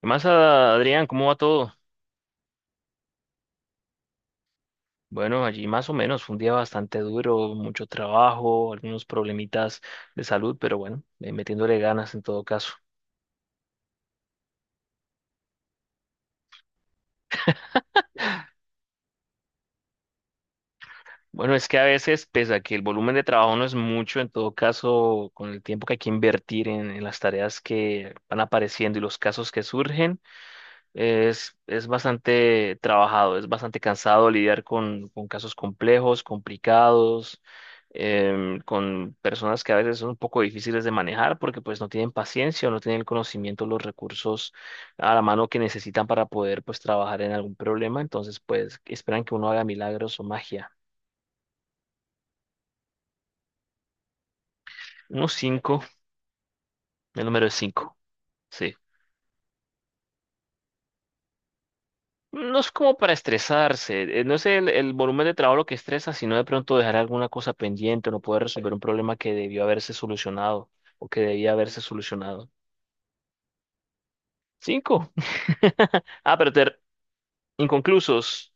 ¿Qué más, Adrián? ¿Cómo va todo? Bueno, allí más o menos, fue un día bastante duro, mucho trabajo, algunos problemitas de salud, pero bueno, metiéndole ganas en todo caso. Bueno, es que a veces, pese a que el volumen de trabajo no es mucho, en todo caso, con el tiempo que hay que invertir en las tareas que van apareciendo y los casos que surgen, es bastante trabajado, es bastante cansado lidiar con casos complejos, complicados, con personas que a veces son un poco difíciles de manejar porque pues no tienen paciencia o no tienen el conocimiento, los recursos a la mano que necesitan para poder pues trabajar en algún problema. Entonces pues esperan que uno haga milagros o magia. Uno Cinco, el número es cinco, sí. No es como para estresarse, no es el volumen de trabajo lo que estresa, sino de pronto dejar alguna cosa pendiente o no poder resolver un problema que debió haberse solucionado o que debía haberse solucionado. Cinco. Ah, pero ter- Inconclusos.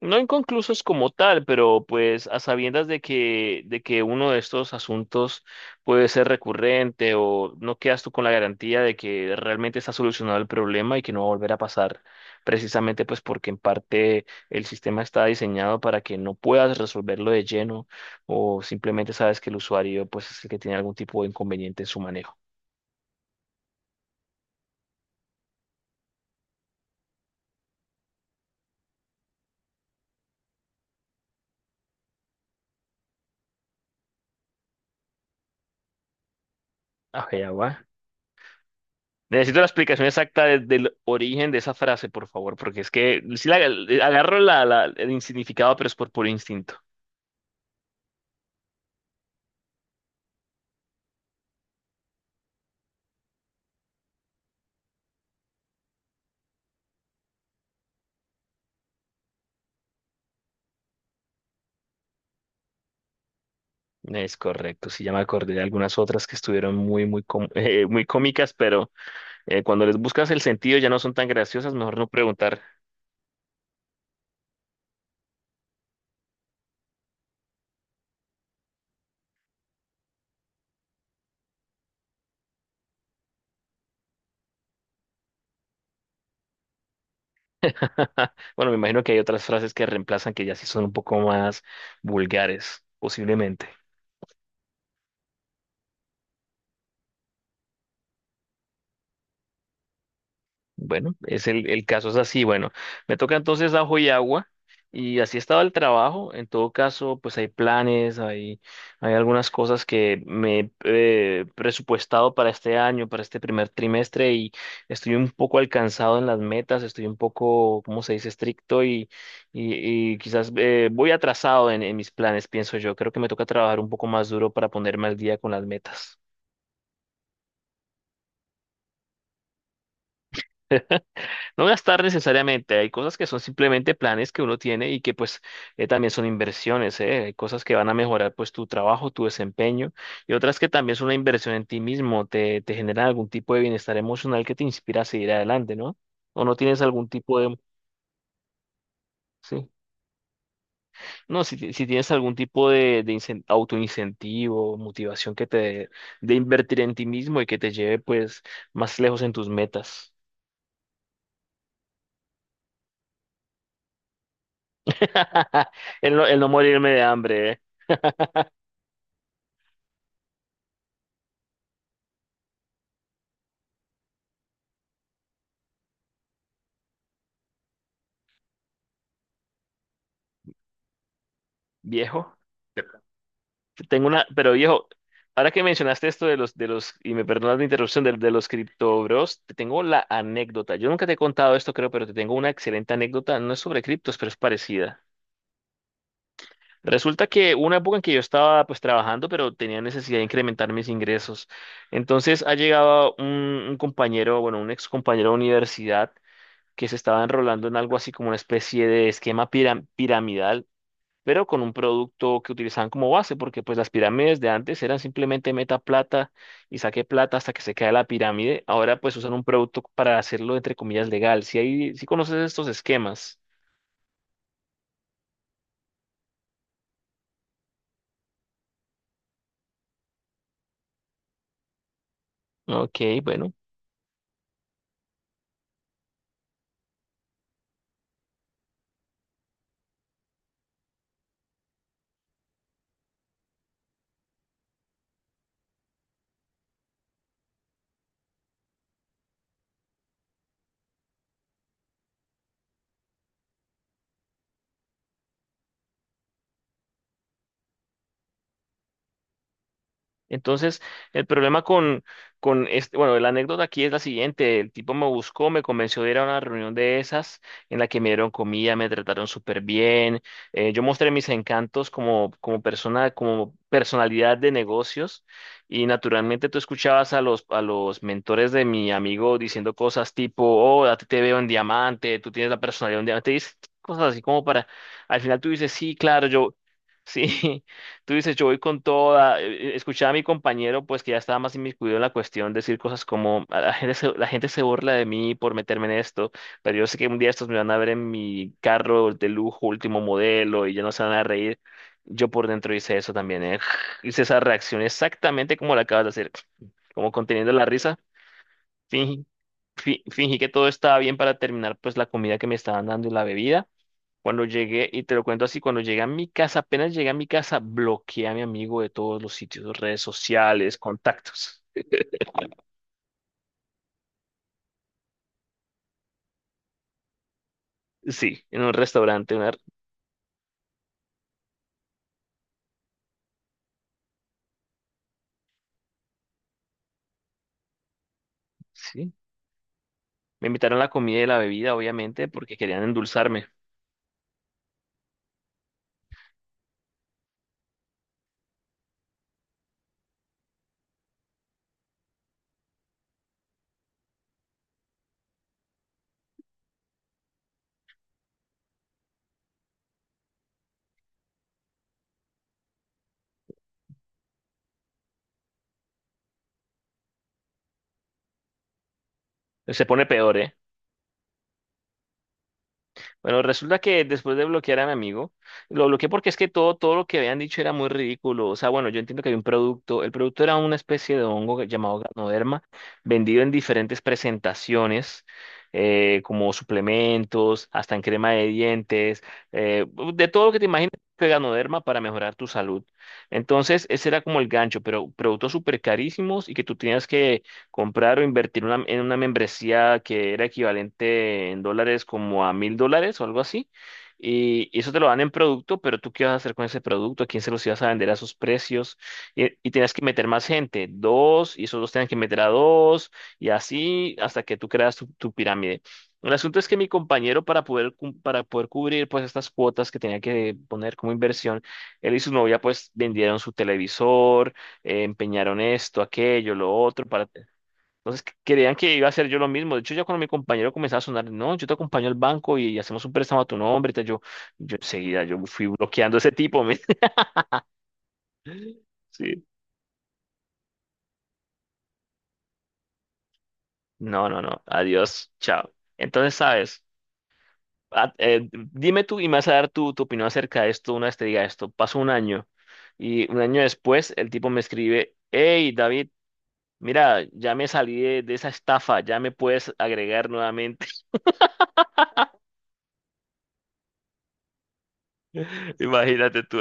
No inconclusos como tal, pero pues a sabiendas de que uno de estos asuntos puede ser recurrente o no quedas tú con la garantía de que realmente está solucionado el problema y que no va a volver a pasar, precisamente pues porque en parte el sistema está diseñado para que no puedas resolverlo de lleno o simplemente sabes que el usuario pues es el que tiene algún tipo de inconveniente en su manejo. Ah, ya va. Necesito la explicación exacta del origen de esa frase, por favor, porque es que agarro el significado, pero es por puro instinto. Es correcto, sí, ya me acordé de algunas otras que estuvieron muy, muy, muy cómicas, pero cuando les buscas el sentido ya no son tan graciosas, mejor no preguntar. Bueno, me imagino que hay otras frases que reemplazan que ya sí son un poco más vulgares, posiblemente. Bueno, es el caso es así. Bueno, me toca entonces ajo y agua. Y así estaba el trabajo. En todo caso, pues hay planes, hay algunas cosas que me he presupuestado para este año, para este primer trimestre, y estoy un poco alcanzado en las metas, estoy un poco, ¿cómo se dice?, estricto y, y quizás voy atrasado en mis planes, pienso yo. Creo que me toca trabajar un poco más duro para ponerme al día con las metas. No gastar necesariamente, hay cosas que son simplemente planes que uno tiene y que pues también son inversiones, ¿eh? Hay cosas que van a mejorar pues tu trabajo, tu desempeño y otras que también son una inversión en ti mismo, te generan algún tipo de bienestar emocional que te inspira a seguir adelante, ¿no? O no tienes algún tipo de... Sí. No, si tienes algún tipo de, de autoincentivo, motivación que te dé de invertir en ti mismo y que te lleve pues más lejos en tus metas. El no morirme de hambre, ¿eh? Viejo. Tengo una, pero viejo, ahora que mencionaste esto y me perdonas la interrupción, de los cripto bros, te tengo la anécdota. Yo nunca te he contado esto, creo, pero te tengo una excelente anécdota. No es sobre criptos, pero es parecida. Resulta que hubo una época en que yo estaba pues trabajando, pero tenía necesidad de incrementar mis ingresos. Entonces ha llegado un compañero, bueno, un ex compañero de universidad que se estaba enrolando en algo así como una especie de esquema piramidal pero con un producto que utilizaban como base, porque pues las pirámides de antes eran simplemente meta plata y saque plata hasta que se cae la pirámide. Ahora pues usan un producto para hacerlo, entre comillas, legal. Si hay, si conoces estos esquemas. Ok, bueno. Entonces, el problema con este, bueno, la anécdota aquí es la siguiente. El tipo me buscó, me convenció de ir a una reunión de esas en la que me dieron comida, me trataron súper bien. Yo mostré mis encantos como, como persona, como personalidad de negocios. Y naturalmente tú escuchabas a los mentores de mi amigo diciendo cosas tipo: "Oh, a ti te veo en diamante, tú tienes la personalidad de un diamante". Y dices cosas así como para, al final tú dices: "Sí, claro, yo, sí". Tú dices: "Yo voy con toda". Escuchaba a mi compañero, pues que ya estaba más inmiscuido en la cuestión, decir cosas como: "A la gente se, La gente se burla de mí por meterme en esto, pero yo sé que un día estos me van a ver en mi carro de lujo, último modelo, y ya no se van a reír". Yo por dentro hice eso también, ¿eh? Hice esa reacción exactamente como la acabas de hacer, como conteniendo la risa. Fingí, Fingí que todo estaba bien para terminar pues la comida que me estaban dando y la bebida. Cuando llegué, y te lo cuento así, cuando llegué a mi casa, apenas llegué a mi casa, bloqueé a mi amigo de todos los sitios, redes sociales, contactos. Sí, en un restaurante, sí. Me invitaron la comida y la bebida, obviamente, porque querían endulzarme. Se pone peor, ¿eh? Bueno, resulta que después de bloquear a mi amigo, lo bloqueé porque es que todo, todo lo que habían dicho era muy ridículo. O sea, bueno, yo entiendo que había un producto. El producto era una especie de hongo llamado Ganoderma, vendido en diferentes presentaciones, como suplementos, hasta en crema de dientes, eh, de todo lo que te imagines, que Ganoderma para mejorar tu salud. Entonces, ese era como el gancho, pero productos súper carísimos y que tú tenías que comprar o invertir en una membresía que era equivalente en dólares como a $1,000 o algo así. Y eso te lo dan en producto, pero tú qué vas a hacer con ese producto, a quién se los ibas a vender a esos precios. Y tenías que meter más gente, dos, y esos dos tenían que meter a dos, y así hasta que tú creas tu, tu pirámide. El asunto es que mi compañero, para poder, para poder cubrir pues estas cuotas que tenía que poner como inversión, él y su novia pues vendieron su televisor, empeñaron esto, aquello, lo otro, para... Entonces creían que iba a hacer yo lo mismo. De hecho, ya cuando mi compañero comenzaba a sonar: "No, yo te acompaño al banco y hacemos un préstamo a tu nombre y tal", yo enseguida, yo fui bloqueando a ese tipo, men. Sí. No, no, no. Adiós. Chao. Entonces, ¿sabes? Dime tú y me vas a dar tu, tu opinión acerca de esto una vez te diga esto. Pasó un año y un año después el tipo me escribe: "Hey, David, mira, ya me salí de esa estafa, ya me puedes agregar nuevamente". Imagínate tú.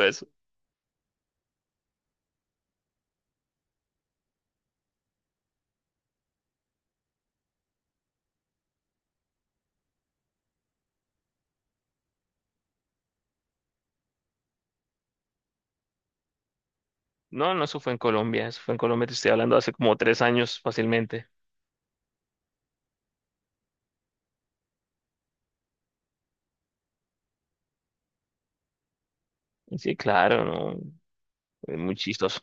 No, no, eso fue en Colombia, eso fue en Colombia, te estoy hablando hace como 3 años fácilmente. Sí, claro, no, es muy chistoso.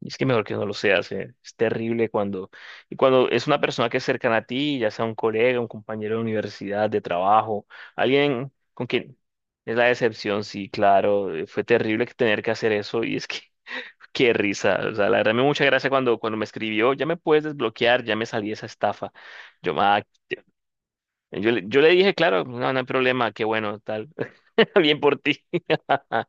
Y es que mejor que no lo seas, es terrible cuando, y cuando es una persona que es cercana a ti, ya sea un colega, un compañero de universidad, de trabajo, alguien con quien es la decepción, sí, claro, fue terrible que tener que hacer eso, y es que qué risa, o sea, la verdad me dio mucha gracia cuando, cuando me escribió: "Ya me puedes desbloquear, ya me salí de esa estafa". Yo, ma, yo le dije: "Claro, no, no hay problema, qué bueno, tal". Bien por ti. Ah,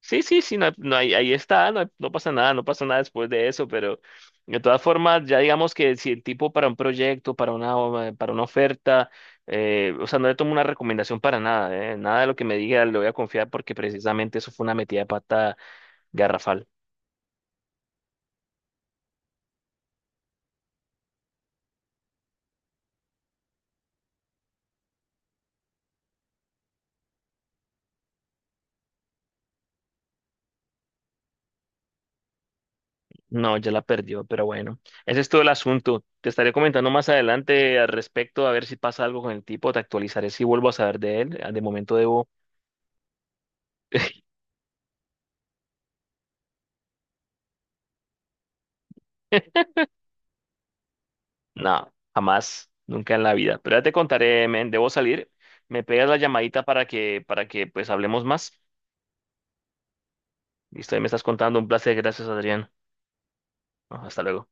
sí, sí, sí, no, ahí está, no pasa nada, no pasa nada después de eso, pero de todas formas, ya digamos que si el tipo para un proyecto, para una oferta, o sea, no le tomo una recomendación para nada, nada de lo que me diga le voy a confiar porque precisamente eso fue una metida de pata garrafal. No, ya la perdió, pero bueno, ese es todo el asunto. Te estaré comentando más adelante al respecto, a ver si pasa algo con el tipo, te actualizaré si vuelvo a saber de él. Ah, de momento debo... No, jamás, nunca en la vida. Pero ya te contaré, men, debo salir. Me pegas la llamadita para que pues hablemos más. Listo, ahí me estás contando. Un placer, gracias, Adrián. No, hasta luego.